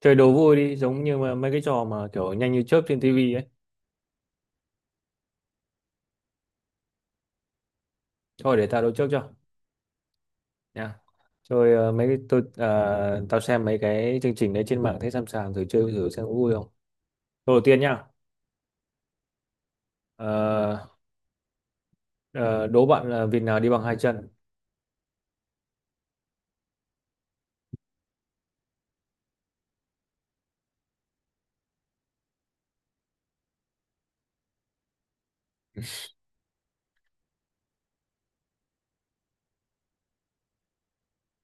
Chơi đố vui đi, giống như mà mấy cái trò mà kiểu nhanh như chớp trên tivi ấy. Thôi để tao đố trước cho nha. Chơi mấy cái tôi tao xem mấy cái chương trình đấy trên mạng, thấy sẵn sàng thử chơi thử xem có vui không. Câu đầu tiên nha. Ờ, ờ, Đố bạn là vịt nào đi bằng hai chân?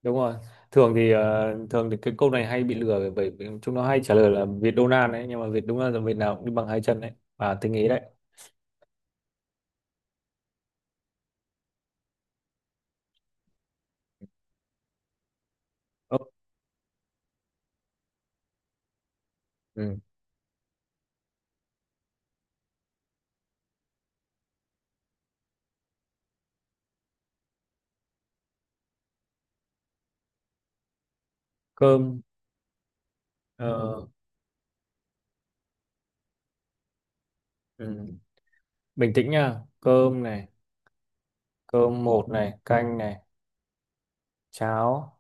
Đúng rồi. Thường thì cái câu này hay bị lừa bởi bởi vì chúng nó hay trả lời là vịt Donald đấy, nhưng mà vịt đúng là vịt nào cũng đi bằng hai chân đấy. À, tinh ý đấy. Ơ, ừ. Cơm, ờ, ừ. Bình tĩnh nha. Cơm này, cơm một này, canh này, cháo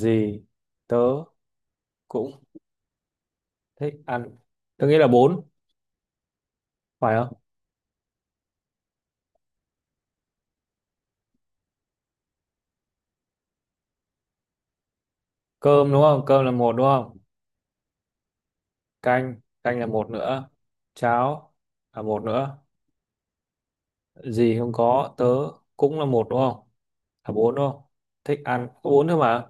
gì tớ cũng thích ăn. Tớ nghĩ là bốn. Phải không? Cơm đúng không? Cơm là một đúng không? Canh, canh là một nữa. Cháo là một nữa. Gì không có. Tớ cũng là một đúng không? Là bốn đúng không? Thích ăn có bốn thôi mà.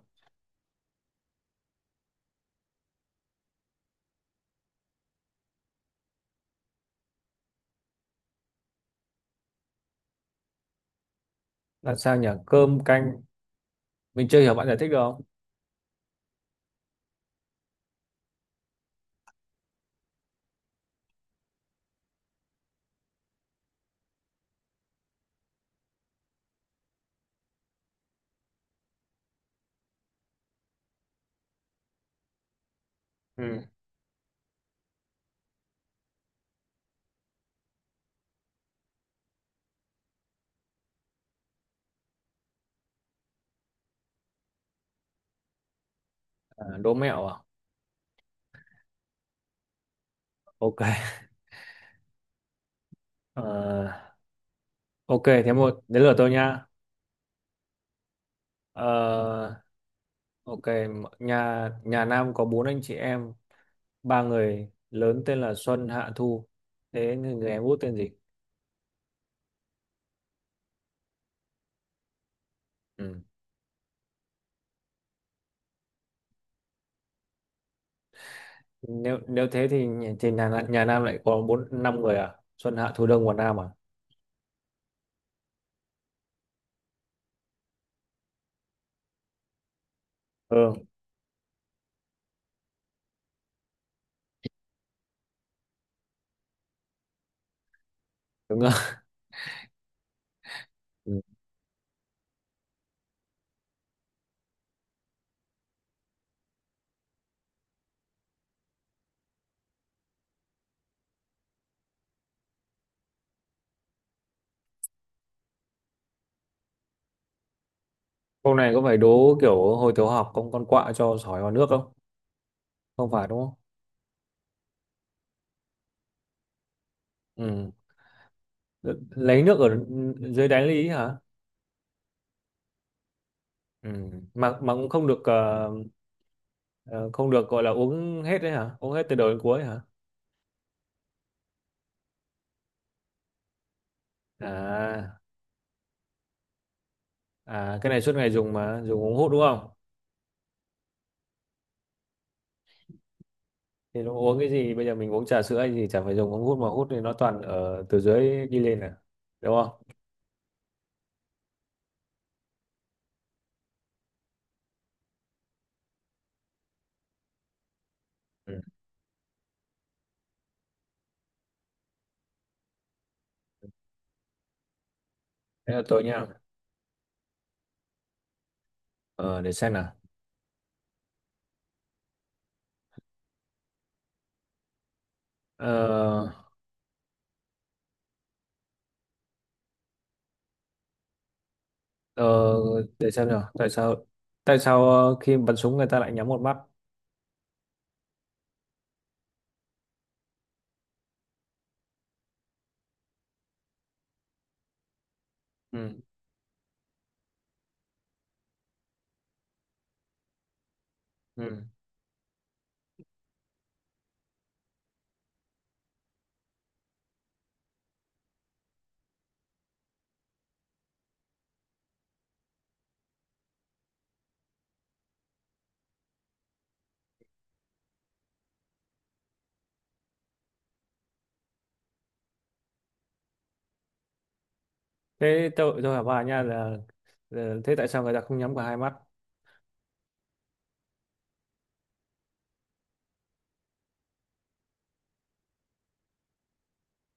Làm sao nhỉ, cơm canh, mình chưa hiểu, bạn giải thích được không? Ừ. À, đố mẹo à? Ok. Ờ, ok, thế đến lượt tôi nha. Ờ, ok. Nhà nhà Nam có bốn anh chị em. Ba người lớn tên là Xuân, Hạ, Thu. Thế người em út tên gì? Ừ. nếu nếu thế thì nhà Nam lại có bốn năm người à, Xuân, Hạ, Thu, Đông và Nam à? Ừ, đúng rồi. Ừ. Câu này có phải đố kiểu hồi tiểu học con quạ cho sỏi vào nước không? Không phải đúng không? Ừ. Lấy nước ở dưới đáy lý hả? Ừ. mà cũng không được, ờ, không được gọi là uống hết đấy hả, uống hết từ đầu đến cuối hả? À à, cái này suốt ngày dùng mà, dùng uống hút đúng không? Thì nó uống cái gì? Bây giờ mình uống trà sữa hay gì chả phải dùng ống hút mà hút thì nó toàn ở từ dưới đi lên à. Đúng không? Ừ. Thế là tôi nhá. Ờ, để xem nào. Ờ, ờ, để xem nào. Tại sao khi bắn súng người ta lại nhắm một mắt? Ừ. Ừ. Thế tôi hỏi bà nha là thế tại sao người ta không nhắm cả hai mắt?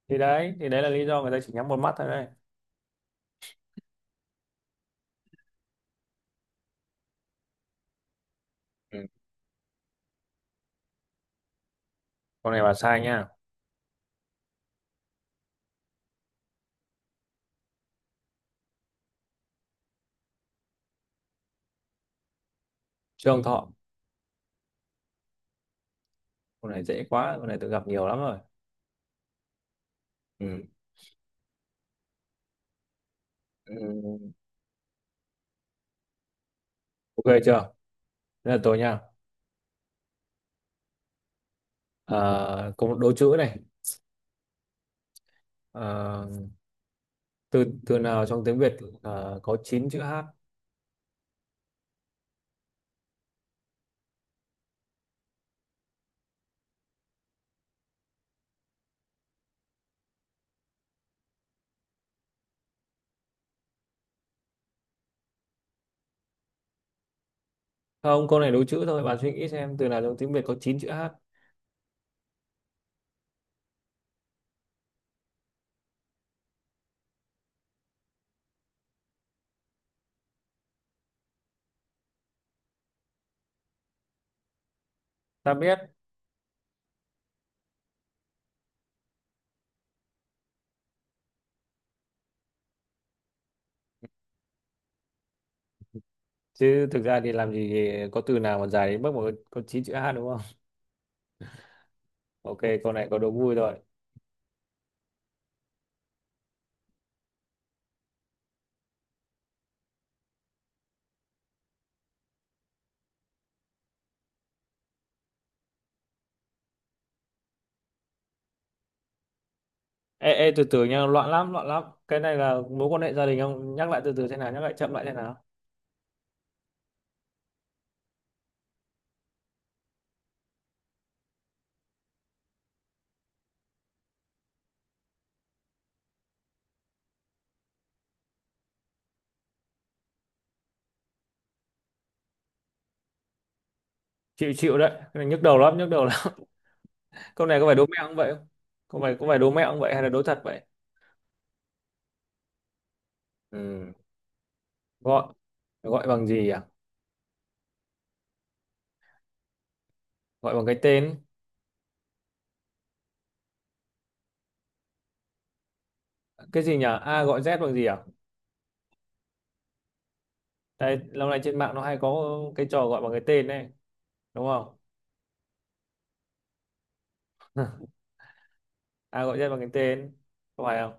Thì đấy là lý do người ta chỉ nhắm một mắt thôi đấy. Ừ. Con này bà sai nha. Trường Thọ. Con này dễ quá, con này tôi gặp nhiều lắm rồi. Ừ. Ừ. Ok chưa? Thế là tôi nha. Ờ, có một đố chữ này. Ờ, từ từ nào trong tiếng Việt có 9 chữ H? Không, câu này đố chữ thôi, bạn suy nghĩ xem từ nào trong tiếng Việt có 9 chữ H. Ta biết. Chứ thực ra thì làm gì có từ nào mà dài đến mức mà có 9 chữ H, đúng không? Ok, câu này có đố vui rồi. Ê, ê, từ từ nha, loạn lắm, loạn lắm. Cái này là mối quan hệ gia đình không? Nhắc lại từ từ thế nào, nhắc lại chậm lại thế nào? Chịu, chịu đấy, cái này nhức đầu lắm, nhức đầu lắm. Câu này có phải đố mẹo không vậy không? Câu này có phải đố mẹo không vậy, hay là đố thật vậy? Ừ. gọi gọi bằng gì à? Gọi bằng cái tên. Cái gì nhỉ, A gọi Z bằng gì à? Đây, lâu nay trên mạng nó hay có cái trò gọi bằng cái tên này, đúng không? A gọi Z bằng cái tên, có phải không?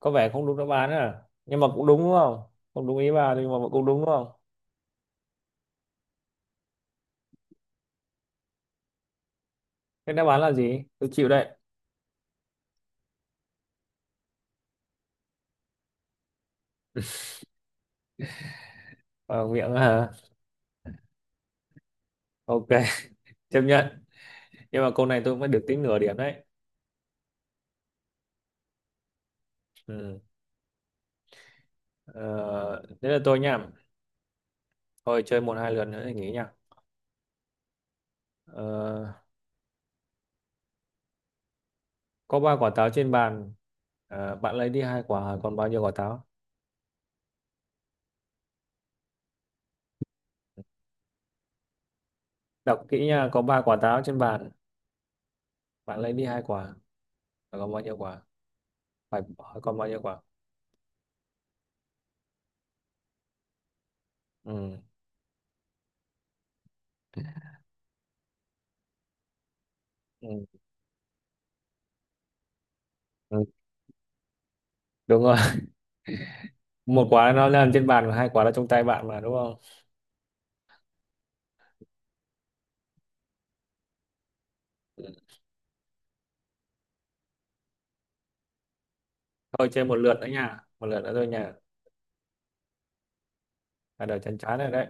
Có vẻ không đúng đáp án à, nhưng mà cũng đúng, đúng không? Không đúng ý bà nhưng mà cũng đúng, đúng không? Cái đáp án là gì, tôi chịu đấy. Vào miệng hả? Ok. Chấp nhận. Nhưng mà câu này tôi mới được tính nửa điểm đấy. Ừ. ờ, Thế là tôi nhá. Thôi chơi một hai lần nữa thì nghỉ nhá. ờ, có ba quả táo trên bàn. Bạn lấy đi hai quả, còn bao nhiêu quả táo? Đọc kỹ nha, có ba quả táo trên bàn, bạn lấy đi hai quả. Phải còn bao nhiêu quả. Phải hỏi còn bao nhiêu quả. Ừ. Ừ. Ừ. Đúng rồi. Một quả nó nằm trên bàn và hai quả là trong tay bạn mà, đúng không? Ừ. Thôi chơi một lượt nữa nha, một lượt nữa thôi nha. Là đời chán chán rồi đấy.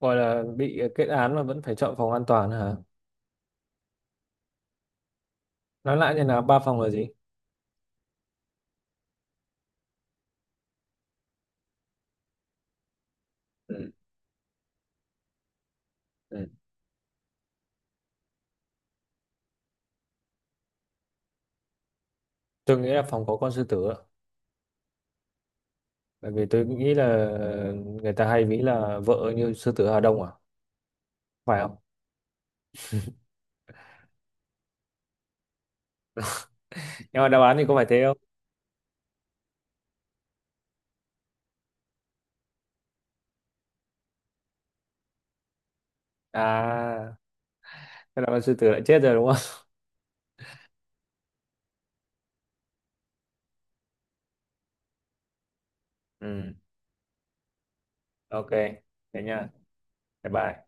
Gọi là bị kết án mà vẫn phải chọn phòng an toàn hả? Nói lại như là ba phòng là gì? Ừ. Ừ. Tôi nghĩ là phòng có con sư tử ạ. Bởi vì tôi nghĩ là người ta hay nghĩ là vợ như sư tử Hà Đông à, phải không? Nhưng mà đáp án thì có phải thế không? À, thế là con sư tử lại chết rồi đúng không? Ừ, ok, thế nha. Bye bye.